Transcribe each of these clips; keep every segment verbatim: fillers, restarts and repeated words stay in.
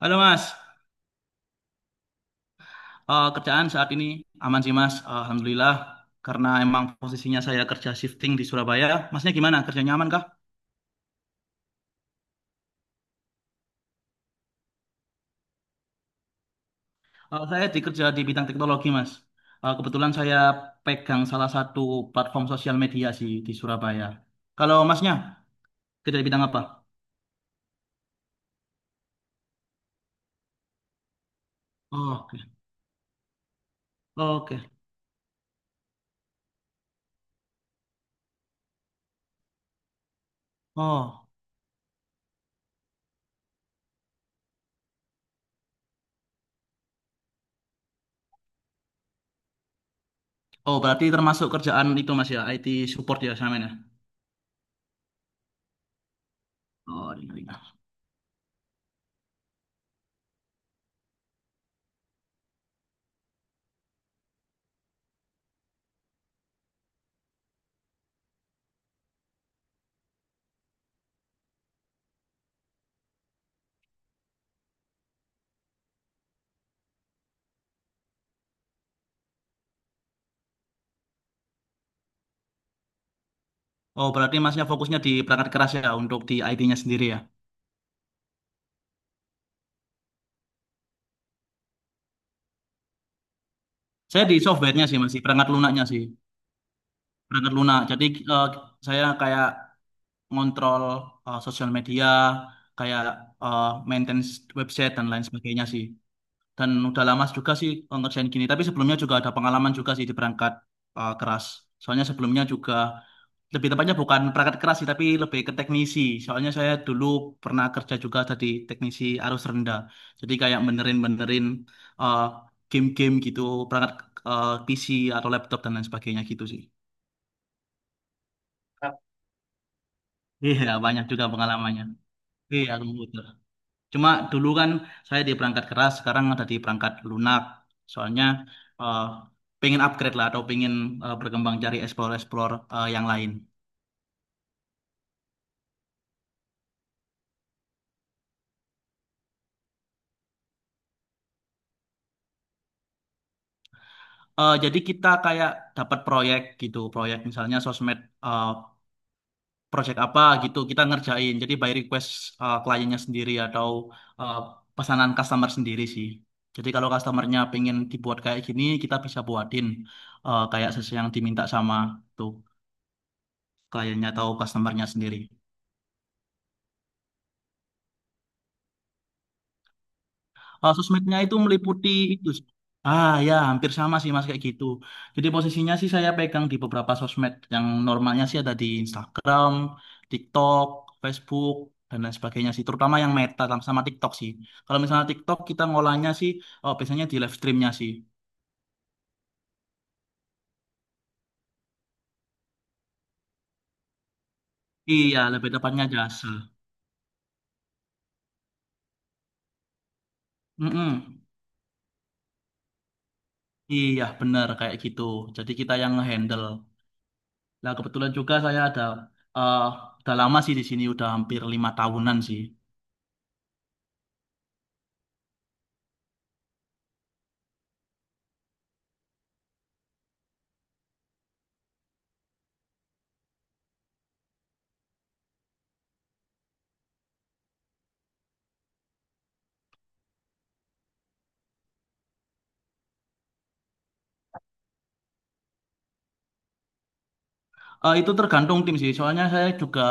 Halo Mas. Eh, kerjaan saat ini aman sih Mas, Alhamdulillah. Karena emang posisinya saya kerja shifting di Surabaya. Masnya gimana? Kerjanya aman kah? Eh, saya dikerja di bidang teknologi Mas. Eh, kebetulan saya pegang salah satu platform sosial media sih di Surabaya. Kalau Masnya kerja di bidang apa? Oh, oke. Oke. Oh, oh berarti termasuk kerjaan itu Mas ya, I T support ya sama ya. Oh, ringan-ringan. Oh, berarti Masnya fokusnya di perangkat keras ya untuk di I T-nya sendiri ya. Saya di softwarenya sih masih perangkat lunaknya sih. Berangkat lunak. Jadi eh, saya kayak ngontrol eh, sosial media, kayak eh, maintenance website dan lain sebagainya sih. Dan udah lama juga sih eh, ngerjain gini. Tapi sebelumnya juga ada pengalaman juga sih di perangkat eh, keras. Soalnya sebelumnya juga lebih tepatnya bukan perangkat keras sih, tapi lebih ke teknisi. Soalnya saya dulu pernah kerja juga jadi teknisi arus rendah. Jadi kayak benerin-benerin eh, game-game gitu, perangkat eh, P C atau laptop dan lain sebagainya gitu sih. Iya, banyak juga pengalamannya. Iya, komputer. Cuma dulu kan saya di perangkat keras, sekarang ada di perangkat lunak. Soalnya eh, pengen upgrade lah atau pengen eh, berkembang cari explore-explore eh, yang lain. Eh, jadi kita kayak dapat proyek gitu, proyek misalnya sosmed eh, project apa gitu kita ngerjain. Jadi by request eh, kliennya sendiri atau eh, pesanan customer sendiri sih. Jadi kalau customernya pengen dibuat kayak gini, kita bisa buatin eh, kayak sesuai yang diminta sama tuh. Kliennya atau customernya sendiri. Eh, sosmednya itu meliputi itu. Ah ya, hampir sama sih Mas kayak gitu. Jadi posisinya sih saya pegang di beberapa sosmed yang normalnya sih ada di Instagram, TikTok, Facebook dan lain sebagainya sih, terutama yang Meta sama TikTok sih. Kalau misalnya TikTok kita ngolahnya sih oh, biasanya di live streamnya sih. Iya, lebih tepatnya jasa. Mm-mm. Iya, benar kayak gitu. Jadi kita yang ngehandle. Nah, kebetulan juga saya ada eh udah lama sih di sini, udah hampir lima tahunan sih. Eh, itu tergantung tim sih. Soalnya saya juga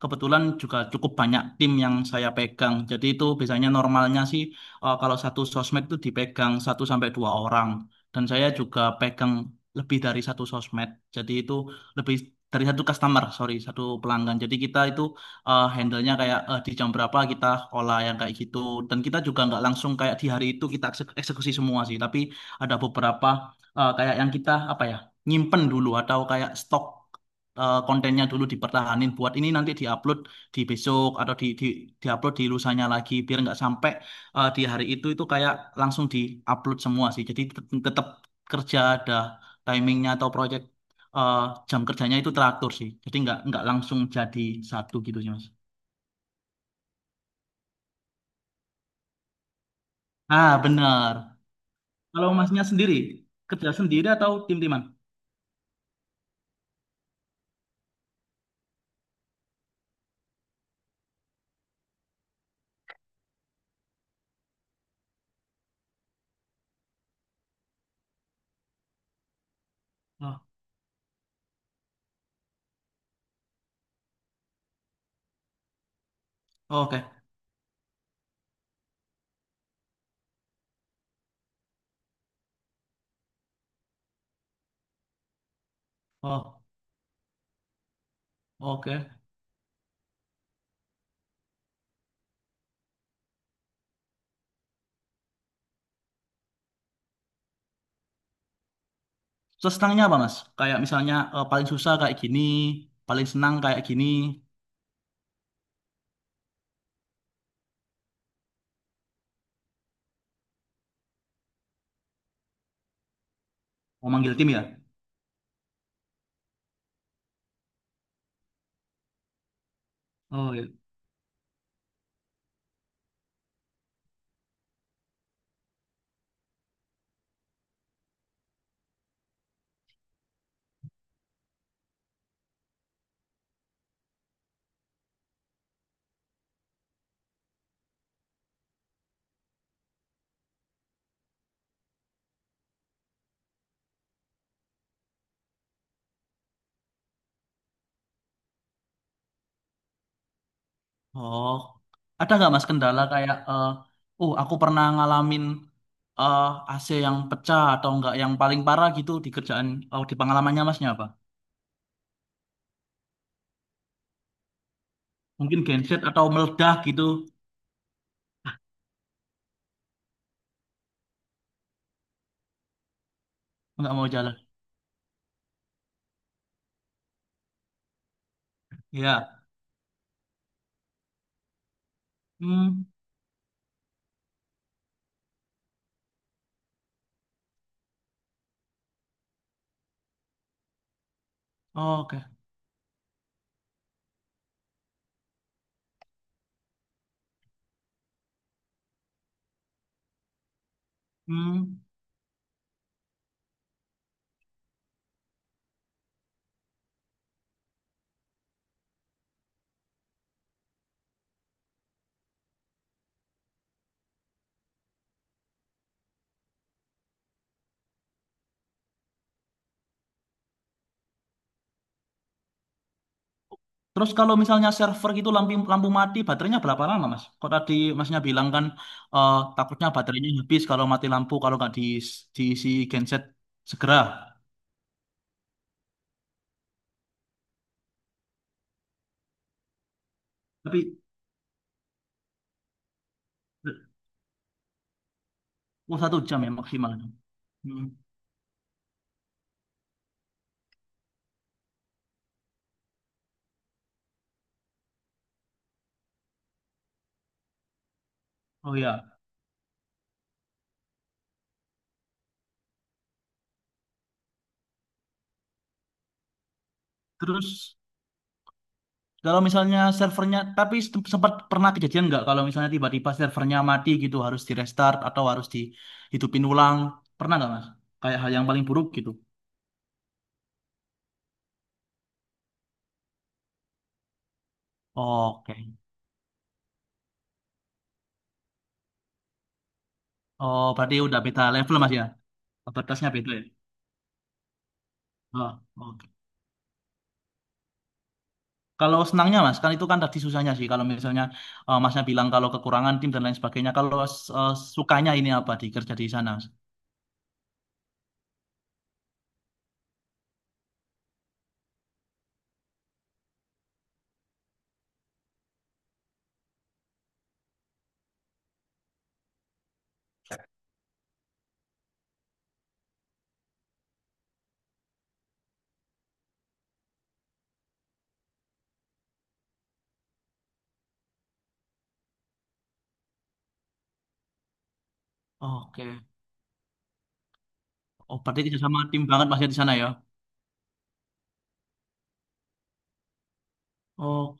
kebetulan juga cukup banyak tim yang saya pegang. Jadi itu biasanya normalnya sih eh, kalau satu sosmed itu dipegang satu sampai dua orang. Dan saya juga pegang lebih dari satu sosmed. Jadi itu lebih dari satu customer, sorry, satu pelanggan. Jadi kita itu eh, handle-nya kayak eh, di jam berapa kita olah yang kayak gitu. Dan kita juga nggak langsung kayak di hari itu kita ekse- eksekusi semua sih. Tapi ada beberapa eh, kayak yang kita apa ya nyimpen dulu atau kayak stok eh, kontennya dulu dipertahanin buat ini nanti diupload di besok atau di, di diupload di lusanya lagi biar nggak sampai eh, di hari itu itu kayak langsung diupload semua sih. Jadi tet- tetap kerja ada timingnya atau project eh, jam kerjanya itu teratur sih. Jadi nggak nggak langsung jadi satu gitu sih mas. Ah benar. Kalau masnya sendiri kerja sendiri atau tim-timan? Oh, oke. Oh, oke. Terus senangnya apa mas? Kayak misalnya eh, paling susah kayak gini, paling senang kayak gini. Mau manggil tim ya? Oh, iya. Oh. Ada nggak Mas kendala kayak, eh oh aku pernah ngalamin eh A C yang pecah atau enggak yang paling parah gitu di kerjaan, oh, di pengalamannya Masnya apa? Mungkin genset atau meledak gitu, nggak mau jalan. Ya. Hmm. Oh, oke. Hmm. Terus kalau misalnya server gitu lampu lampu mati, baterainya berapa lama, Mas? Kok tadi Masnya bilang kan eh takutnya baterainya habis kalau mati lampu kalau nggak di diisi genset segera. Tapi oh, satu jam ya maksimal. Hmm. Oh ya. Terus kalau misalnya servernya, tapi sem- sempat pernah kejadian nggak kalau misalnya tiba-tiba servernya mati gitu harus di restart atau harus dihidupin ulang? Pernah nggak mas? Kayak hal yang paling buruk gitu. Oke. Oh, berarti udah beda level mas ya? Batasnya beda ya? Oh, oke. Kalau senangnya mas, kan itu kan tadi susahnya sih. Kalau misalnya eh, masnya bilang kalau kekurangan tim dan lain sebagainya. Kalau eh, sukanya ini apa di kerja di sana mas? Oke. Oh, berarti kerja sama tim banget masnya di sana ya? Oh,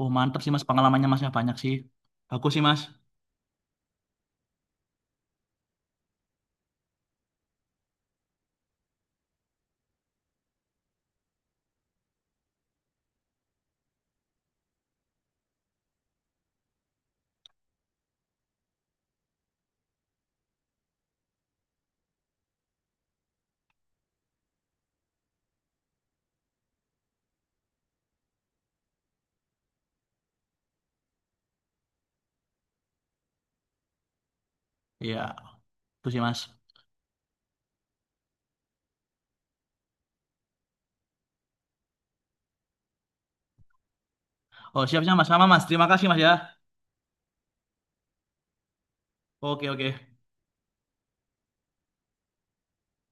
oh mantap sih mas, pengalamannya masnya banyak sih. Aku sih mas, iya, itu sih mas. Oh siap siap mas, sama mas. Terima kasih mas ya. Oke oke.